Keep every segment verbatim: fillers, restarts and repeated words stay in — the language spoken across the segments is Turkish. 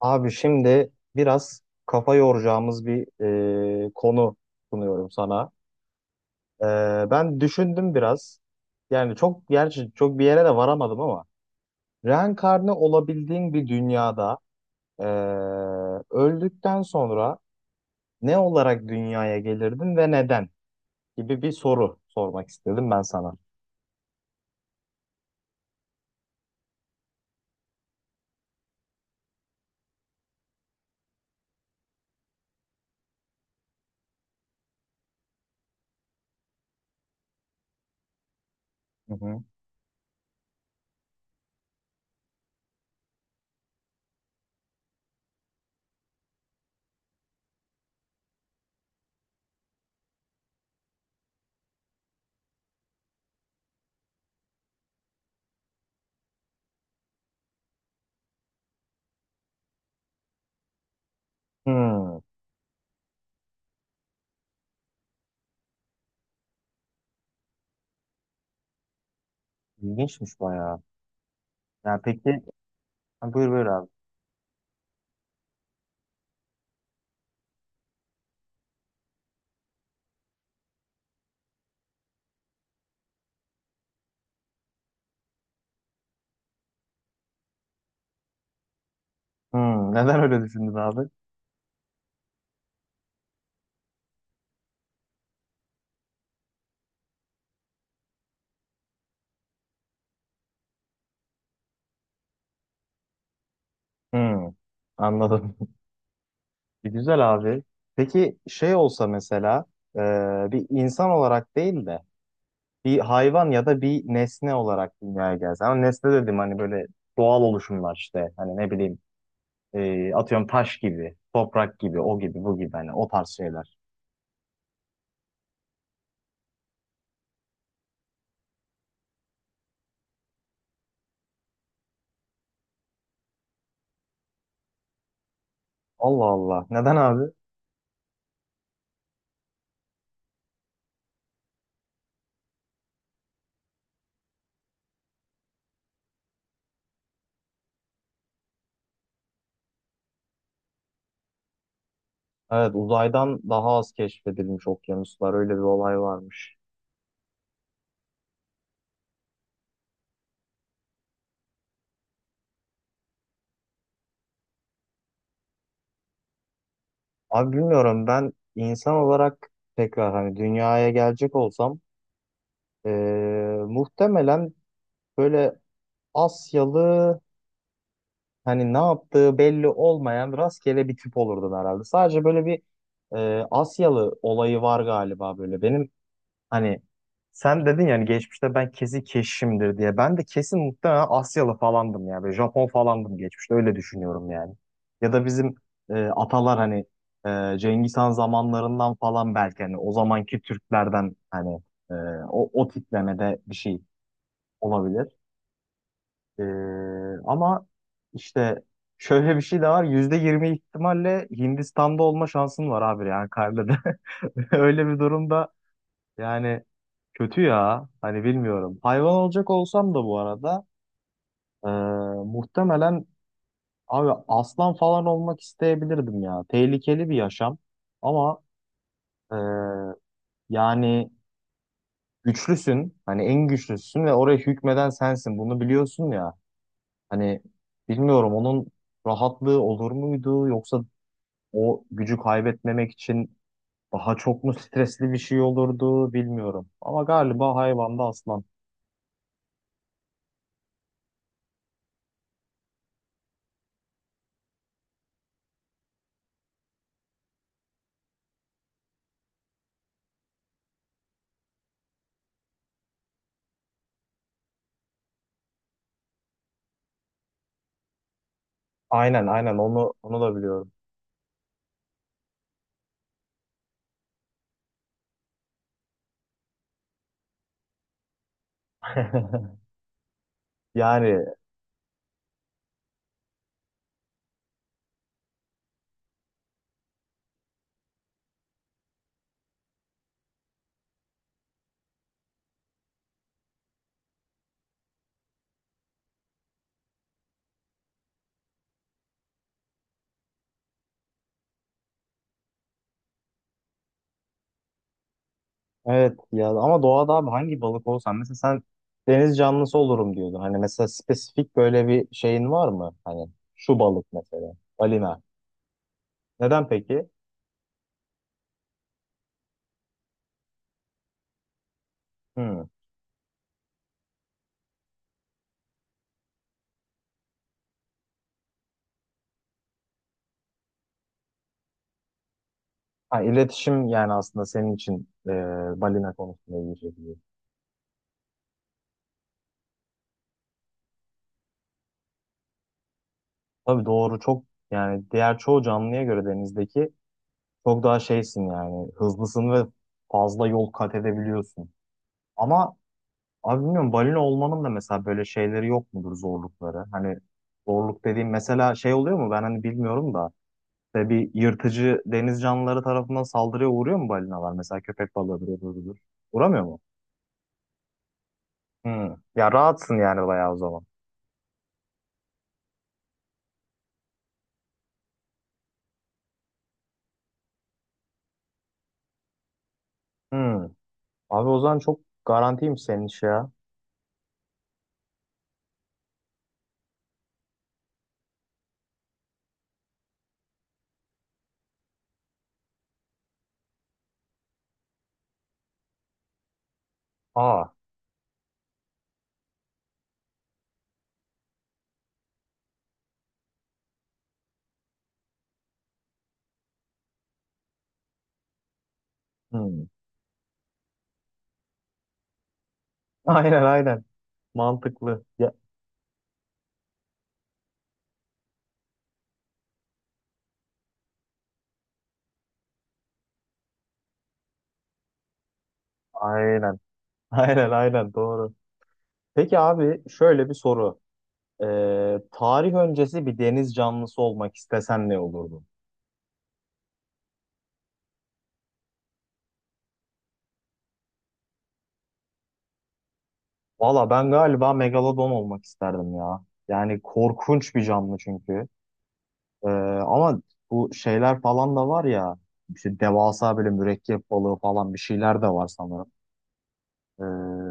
Abi şimdi biraz kafa yoracağımız bir e, konu sunuyorum sana. E, ben düşündüm biraz. Yani çok gerçi çok bir yere de varamadım ama reenkarne olabildiğin bir dünyada, e, öldükten sonra ne olarak dünyaya gelirdin ve neden gibi bir soru sormak istedim ben sana. Hı hı. Hmm, ilginçmiş bayağı. Yani peki, buyur buyur abi. Hmm, neden öyle düşündün abi? Hmm, anladım. E, Güzel abi. Peki şey olsa mesela, e, bir insan olarak değil de bir hayvan ya da bir nesne olarak dünyaya gelse. Ama nesne dedim, hani böyle doğal oluşumlar işte. Hani ne bileyim, e, atıyorum taş gibi, toprak gibi, o gibi, bu gibi, hani o tarz şeyler. Allah Allah. Neden abi? Evet, uzaydan daha az keşfedilmiş okyanuslar, öyle bir olay varmış. Abi bilmiyorum, ben insan olarak tekrar hani dünyaya gelecek olsam, e, muhtemelen böyle Asyalı, hani ne yaptığı belli olmayan rastgele bir tip olurdun herhalde. Sadece böyle bir e, Asyalı olayı var galiba böyle. Benim, hani sen dedin yani, geçmişte ben kesin keşişimdir diye. Ben de kesin muhtemelen Asyalı falandım ya. Böyle Japon falandım geçmişte, öyle düşünüyorum yani. Ya da bizim e, atalar, hani e, Cengiz Han zamanlarından falan, belki hani o zamanki Türklerden, hani e, o, o tiplemede bir şey olabilir. Ee, ama işte şöyle bir şey de var. Yüzde yirmi ihtimalle Hindistan'da olma şansın var abi, yani karnede. Öyle bir durumda yani, kötü ya. Hani bilmiyorum. Hayvan olacak olsam da bu arada, ee, muhtemelen abi aslan falan olmak isteyebilirdim ya. Tehlikeli bir yaşam ama, ee, yani güçlüsün. Hani en güçlüsün ve oraya hükmeden sensin. Bunu biliyorsun ya. Hani bilmiyorum, onun rahatlığı olur muydu, yoksa o gücü kaybetmemek için daha çok mu stresli bir şey olurdu, bilmiyorum. Ama galiba hayvanda aslan. Aynen aynen, onu onu da biliyorum. Yani evet ya, ama doğada abi hangi balık olsan mesela sen, deniz canlısı olurum diyordun. Hani mesela spesifik böyle bir şeyin var mı? Hani şu balık mesela, balina. Neden peki? Hmm. Ha, iletişim yani aslında senin için, e, balina konusunda ilgili. Tabii doğru, çok yani diğer çoğu canlıya göre denizdeki çok daha şeysin yani, hızlısın ve fazla yol kat edebiliyorsun. Ama abi bilmiyorum, balina olmanın da mesela böyle şeyleri yok mudur, zorlukları? Hani zorluk dediğim mesela şey oluyor mu, ben hani bilmiyorum da, işte bir yırtıcı deniz canlıları tarafından saldırıya uğruyor mu balinalar? Mesela köpek balığıdır, öbürüdür. Uğramıyor mu? Hmm. Ya rahatsın yani, bayağı o zaman. Hmm. Abi o zaman çok garantiymiş senin iş ya. Aa. Hmm. Aynen aynen. Mantıklı. Ya, aynen. Aynen aynen doğru. Peki abi, şöyle bir soru. Ee, tarih öncesi bir deniz canlısı olmak istesen ne olurdun? Valla ben galiba megalodon olmak isterdim ya. Yani korkunç bir canlı çünkü. Ee, ama bu şeyler falan da var ya. İşte devasa böyle mürekkep balığı falan, bir şeyler de var sanırım. Ee,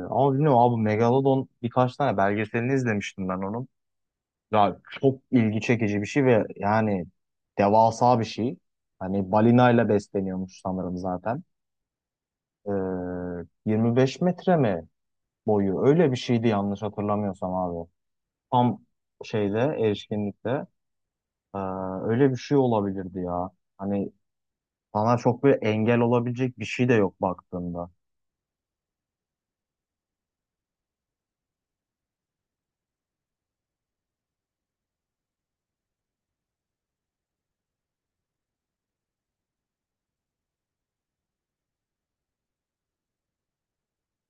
ama bilmiyorum abi, megalodon birkaç tane belgeselini izlemiştim ben onun. Ya çok ilgi çekici bir şey ve yani devasa bir şey. Hani balinayla besleniyormuş sanırım zaten. Ee, yirmi beş metre mi boyu? Öyle bir şeydi yanlış hatırlamıyorsam abi. Tam şeyde, erişkinlikte ee, öyle bir şey olabilirdi ya. Hani bana çok bir engel olabilecek bir şey de yok baktığında.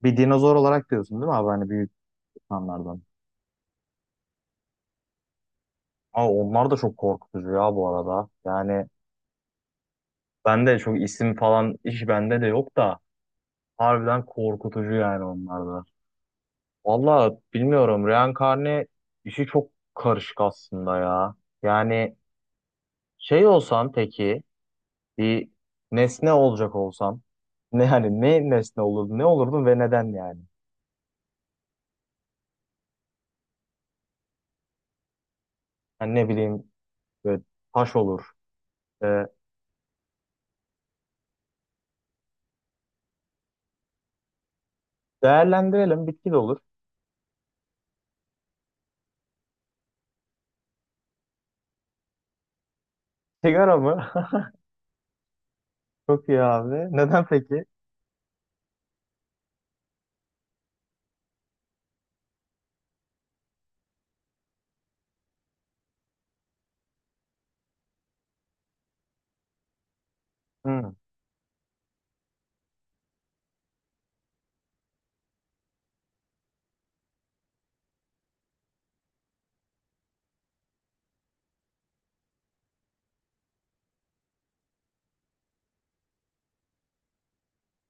Bir dinozor olarak diyorsun değil mi abi? Hani büyük insanlardan. Ama onlar da çok korkutucu ya bu arada. Yani ben de çok isim falan hiç, bende de yok da. Harbiden korkutucu yani onlar da. Valla bilmiyorum, reenkarne işi çok karışık aslında ya. Yani şey olsan peki, bir nesne olacak olsan, ne hani ne nesne olurdun, ne olurdun ve neden yani? Yani ne bileyim, böyle taş olur. Ee, değerlendirelim, bitki de olur. Sigara mı? Çok iyi abi. Neden peki? Hı.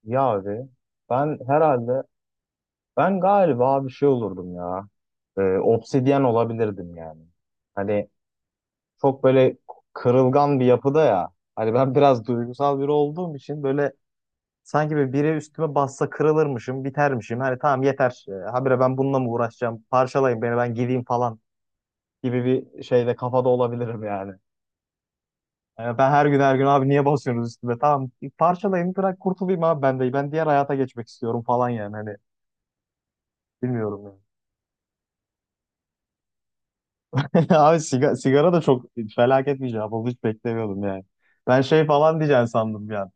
Ya abi, ben herhalde ben galiba bir şey olurdum ya. Ee, obsidyen olabilirdim yani. Hani çok böyle kırılgan bir yapıda ya. Hani ben biraz duygusal biri olduğum için böyle, sanki bir biri üstüme bassa kırılırmışım, bitermişim. Hani tamam, yeter. Ee, habire ben bununla mı uğraşacağım? Parçalayın beni, ben gideyim falan gibi bir şeyde, kafada olabilirim yani. Yani ben her gün her gün abi niye basıyorsunuz üstüme? Tamam parçalayın, bırak kurtulayım abi ben de. Ben diğer hayata geçmek istiyorum falan yani, hani bilmiyorum. Abi sigara, sigara da çok felaket bir cevap oldu. Hiç beklemiyordum yani. Ben şey falan diyeceğim sandım bir an.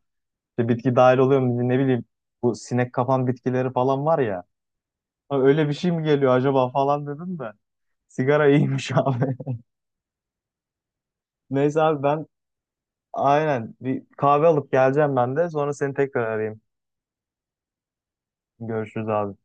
İşte bitki dahil oluyor mu, ne bileyim. Bu sinek kapan bitkileri falan var ya. Ha, öyle bir şey mi geliyor acaba falan dedim de. Sigara iyiymiş abi. Neyse abi, ben aynen bir kahve alıp geleceğim ben de. Sonra seni tekrar arayayım. Görüşürüz abi.